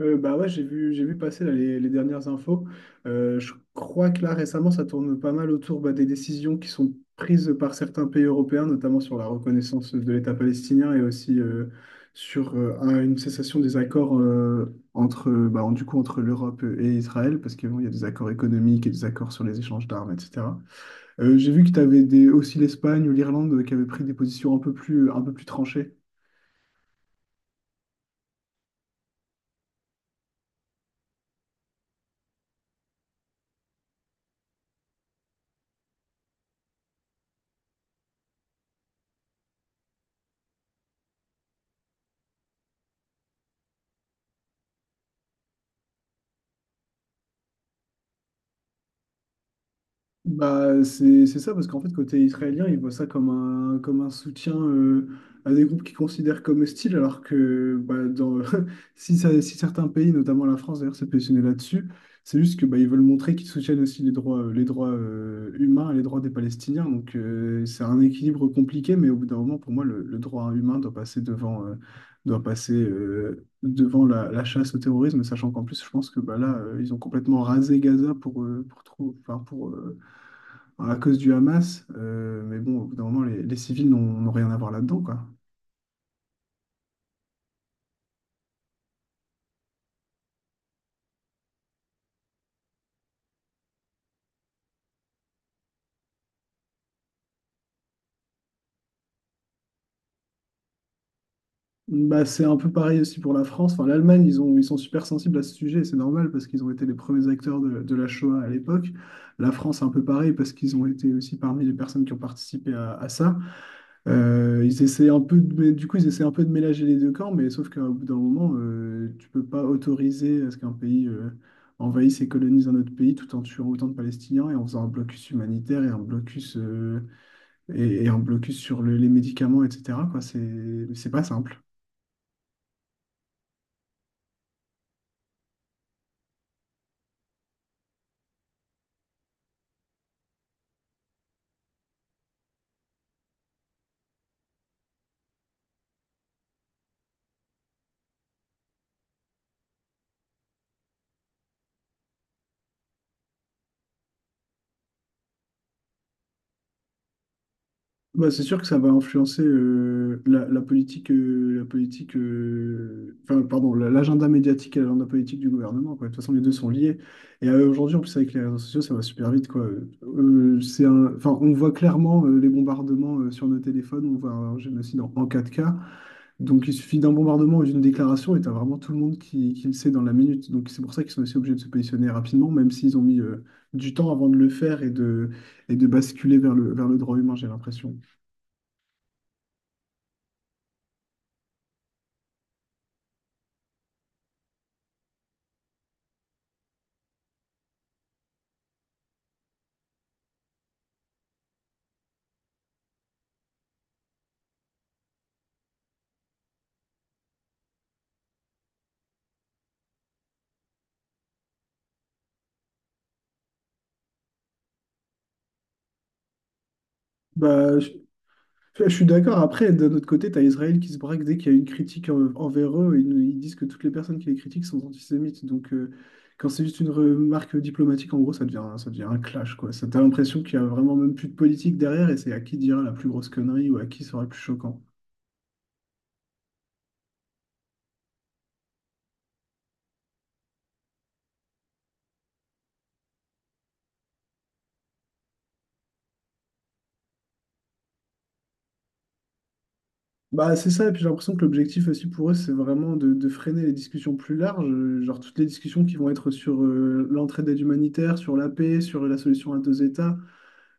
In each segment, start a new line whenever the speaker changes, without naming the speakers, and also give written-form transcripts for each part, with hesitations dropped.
Bah ouais, j'ai vu passer là, les dernières infos. Je crois que là, récemment, ça tourne pas mal autour bah, des décisions qui sont prises par certains pays européens, notamment sur la reconnaissance de l'État palestinien et aussi sur une cessation des accords entre, bah, du coup, entre l'Europe et Israël, parce qu'il y a des accords économiques et des accords sur les échanges d'armes, etc. J'ai vu que tu avais des, aussi l'Espagne ou l'Irlande qui avaient pris des positions un peu plus tranchées. Bah, c'est ça, parce qu'en fait, côté israélien, ils voient ça comme un soutien à des groupes qu'ils considèrent comme hostiles, alors que bah, si certains pays, notamment la France d'ailleurs, s'est positionnée là-dessus, c'est juste que bah, ils veulent montrer qu'ils soutiennent aussi les droits humains, et les droits des Palestiniens. Donc, c'est un équilibre compliqué, mais au bout d'un moment, pour moi, le droit humain doit passer devant la chasse au terrorisme, sachant qu'en plus, je pense que bah, là, ils ont complètement rasé Gaza pour, trou- enfin, pour, Enfin, à cause du Hamas. Mais bon, au bout d'un moment, les civils n'ont rien à voir là-dedans, quoi. Bah, c'est un peu pareil aussi pour la France. Enfin, l'Allemagne, ils sont super sensibles à ce sujet, et c'est normal parce qu'ils ont été les premiers acteurs de la Shoah à l'époque. La France, un peu pareil parce qu'ils ont été aussi parmi les personnes qui ont participé à ça. Ils essaient un peu de, Mais du coup, ils essaient un peu de mélanger les deux camps, mais sauf qu'au bout d'un moment, tu peux pas autoriser à ce qu'un pays envahisse et colonise un autre pays tout en tuant autant de Palestiniens et en faisant un blocus humanitaire et un blocus et un blocus sur les médicaments, etc., quoi, c'est pas simple. Bah, c'est sûr que ça va influencer la politique, enfin, pardon, l'agenda médiatique et l'agenda politique du gouvernement, quoi. De toute façon, les deux sont liés. Et aujourd'hui, en plus, avec les réseaux sociaux, ça va super vite, quoi. Enfin, on voit clairement les bombardements sur nos téléphones, on voit un génocide en 4K. Donc il suffit d'un bombardement ou d'une déclaration et t'as vraiment tout le monde qui le sait dans la minute. Donc c'est pour ça qu'ils sont aussi obligés de se positionner rapidement, même s'ils ont mis du temps avant de le faire et de basculer vers le droit humain, j'ai l'impression. Bah, je suis d'accord. Après, d'un autre côté, t'as Israël qui se braque dès qu'il y a une critique envers eux. Ils disent que toutes les personnes qui les critiquent sont antisémites. Donc quand c'est juste une remarque diplomatique, en gros, ça devient un clash, quoi. Ça, t'as l'impression qu'il y a vraiment même plus de politique derrière et c'est à qui dira la plus grosse connerie ou à qui sera le plus choquant. Bah, c'est ça, et puis j'ai l'impression que l'objectif aussi pour eux, c'est vraiment de freiner les discussions plus larges, genre toutes les discussions qui vont être sur l'entraide aide humanitaire, sur la paix, sur la solution à deux États.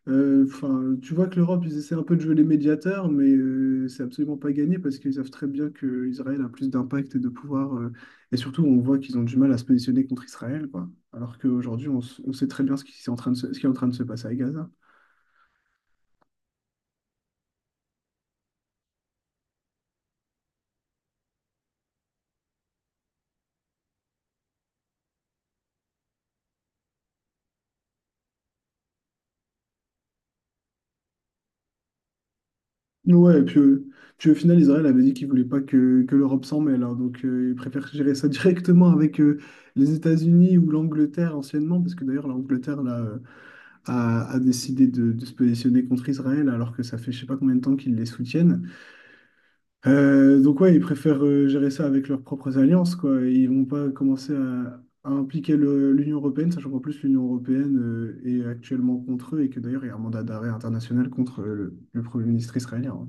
Enfin, tu vois que l'Europe, ils essaient un peu de jouer les médiateurs, mais c'est absolument pas gagné parce qu'ils savent très bien que Israël a plus d'impact et de pouvoir. Et surtout, on voit qu'ils ont du mal à se positionner contre Israël, quoi. Alors qu'aujourd'hui, on sait très bien ce qui est en train de se passer à Gaza. Ouais, et puis, au final, Israël avait dit qu'il voulait pas que l'Europe s'en mêle. Hein. Donc, il préfère gérer ça directement avec les États-Unis ou l'Angleterre anciennement, parce que d'ailleurs, l'Angleterre là, a décidé de se positionner contre Israël, alors que ça fait je sais pas combien de temps qu'ils les soutiennent. Donc ouais, ils préfèrent gérer ça avec leurs propres alliances, quoi. Ils vont pas commencer à impliquer l'Union européenne, sachant qu'en plus l'Union européenne est actuellement contre eux et que d'ailleurs il y a un mandat d'arrêt international contre le Premier ministre israélien. Hein.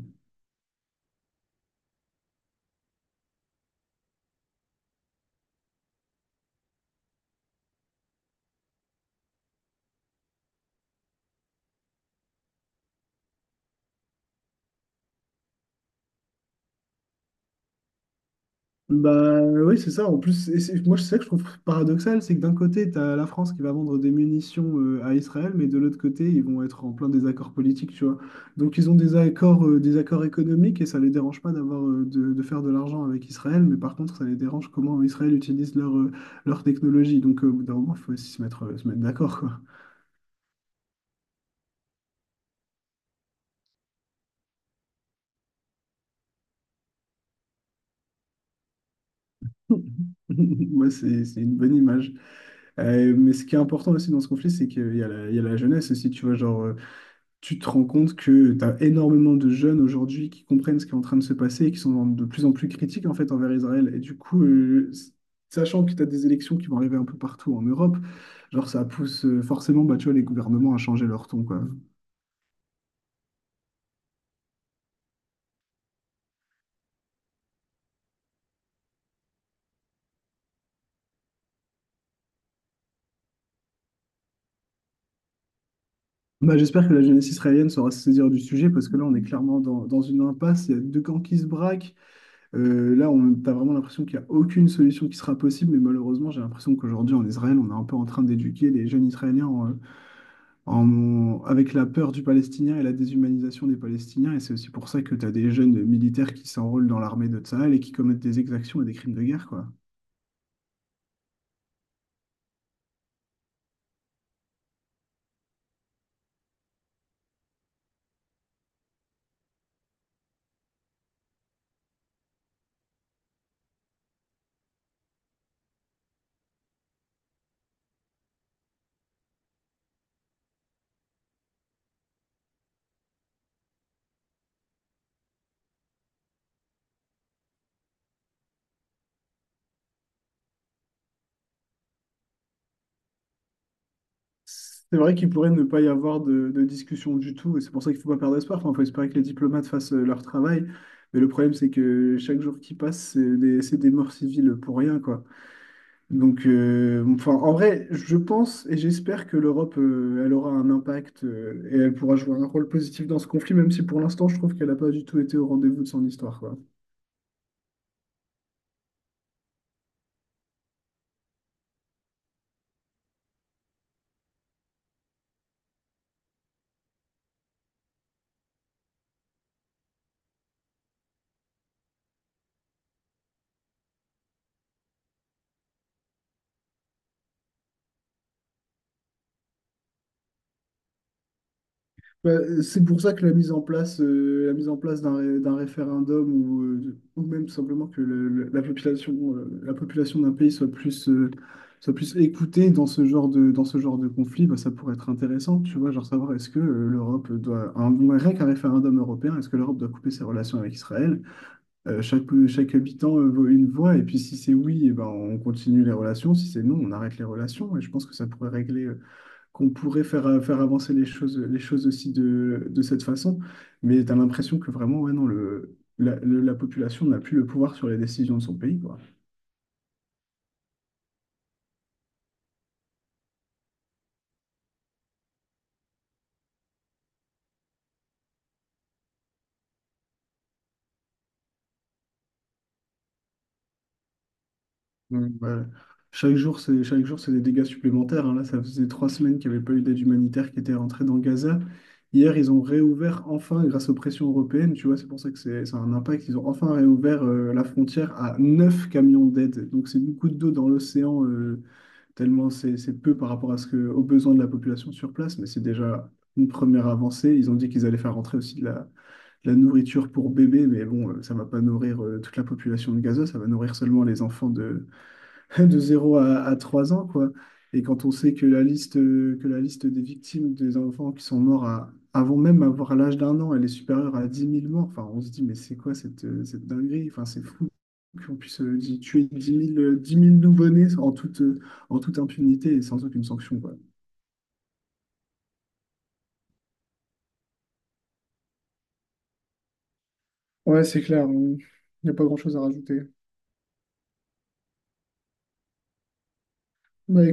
Bah oui, c'est ça. En plus, et moi, c'est ça que je trouve paradoxal, c'est que d'un côté, tu as la France qui va vendre des munitions à Israël, mais de l'autre côté, ils vont être en plein désaccord politique, tu vois. Donc, ils ont des accords économiques et ça les dérange pas d'avoir de faire de l'argent avec Israël, mais par contre, ça les dérange comment Israël utilise leur technologie. Donc, au bout d'un moment, il faut aussi se mettre d'accord, quoi. Moi, c'est une bonne image. Mais ce qui est important aussi dans ce conflit, c'est qu'il y a la, jeunesse aussi, tu vois, genre. Tu te rends compte que tu as énormément de jeunes aujourd'hui qui comprennent ce qui est en train de se passer et qui sont de plus en plus critiques en fait envers Israël. Et du coup, sachant que tu as des élections qui vont arriver un peu partout en Europe, genre ça pousse forcément bah, tu vois, les gouvernements à changer leur ton, quoi. Bah, j'espère que la jeunesse israélienne saura se saisir du sujet parce que là, on est clairement dans une impasse. Il y a deux camps qui se braquent. Là, t'as vraiment l'impression qu'il n'y a aucune solution qui sera possible, mais malheureusement, j'ai l'impression qu'aujourd'hui, en Israël, on est un peu en train d'éduquer les jeunes Israéliens avec la peur du Palestinien et la déshumanisation des Palestiniens. Et c'est aussi pour ça que tu as des jeunes militaires qui s'enrôlent dans l'armée de Tsahal et qui commettent des exactions et des crimes de guerre, quoi. C'est vrai qu'il pourrait ne pas y avoir de discussion du tout, et c'est pour ça qu'il ne faut pas perdre espoir. Enfin, il faut espérer que les diplomates fassent leur travail. Mais le problème, c'est que chaque jour qui passe, c'est des morts civiles pour rien, quoi. Donc, enfin, en vrai, je pense et j'espère que l'Europe, elle aura un impact et elle pourra jouer un rôle positif dans ce conflit, même si pour l'instant, je trouve qu'elle n'a pas du tout été au rendez-vous de son histoire, quoi. Bah, c'est pour ça que la mise en place d'un référendum ou même tout simplement que la population d'un pays soit plus écoutée dans ce genre de conflit, bah, ça pourrait être intéressant, tu vois, genre savoir est-ce que l'Europe doit, un, rien qu'un référendum européen, est-ce que l'Europe doit couper ses relations avec Israël? Euh, chaque, Chaque habitant vaut une voix, et puis si c'est oui, eh ben, on continue les relations, si c'est non, on arrête les relations, et je pense que ça pourrait régler, qu'on pourrait faire, faire avancer les choses, aussi de cette façon, mais tu as l'impression que vraiment, ouais, non, la population n'a plus le pouvoir sur les décisions de son pays, quoi. Mm, ouais. Chaque jour, c'est des dégâts supplémentaires. Hein. Là, ça faisait 3 semaines qu'il n'y avait pas eu d'aide humanitaire qui était rentrée dans Gaza. Hier, ils ont réouvert enfin grâce aux pressions européennes. Tu vois, c'est pour ça que c'est ça a un impact. Ils ont enfin réouvert la frontière à neuf camions d'aide. Donc, c'est beaucoup d'eau dans l'océan, tellement c'est peu par rapport aux besoins de la population sur place. Mais c'est déjà une première avancée. Ils ont dit qu'ils allaient faire rentrer aussi de la nourriture pour bébés. Mais bon, ça ne va pas nourrir toute la population de Gaza. Ça va nourrir seulement les enfants de zéro à 3 ans, quoi. Et quand on sait que la liste des victimes des enfants qui sont morts avant même avoir l'âge d'un an, elle est supérieure à 10 000 morts, enfin, on se dit, mais c'est quoi cette dinguerie? Enfin, c'est fou qu'on puisse tuer 10 000 10 000 nouveau-nés en toute impunité et sans aucune sanction, quoi. Ouais, c'est clair, il n'y a pas grand-chose à rajouter. Bah,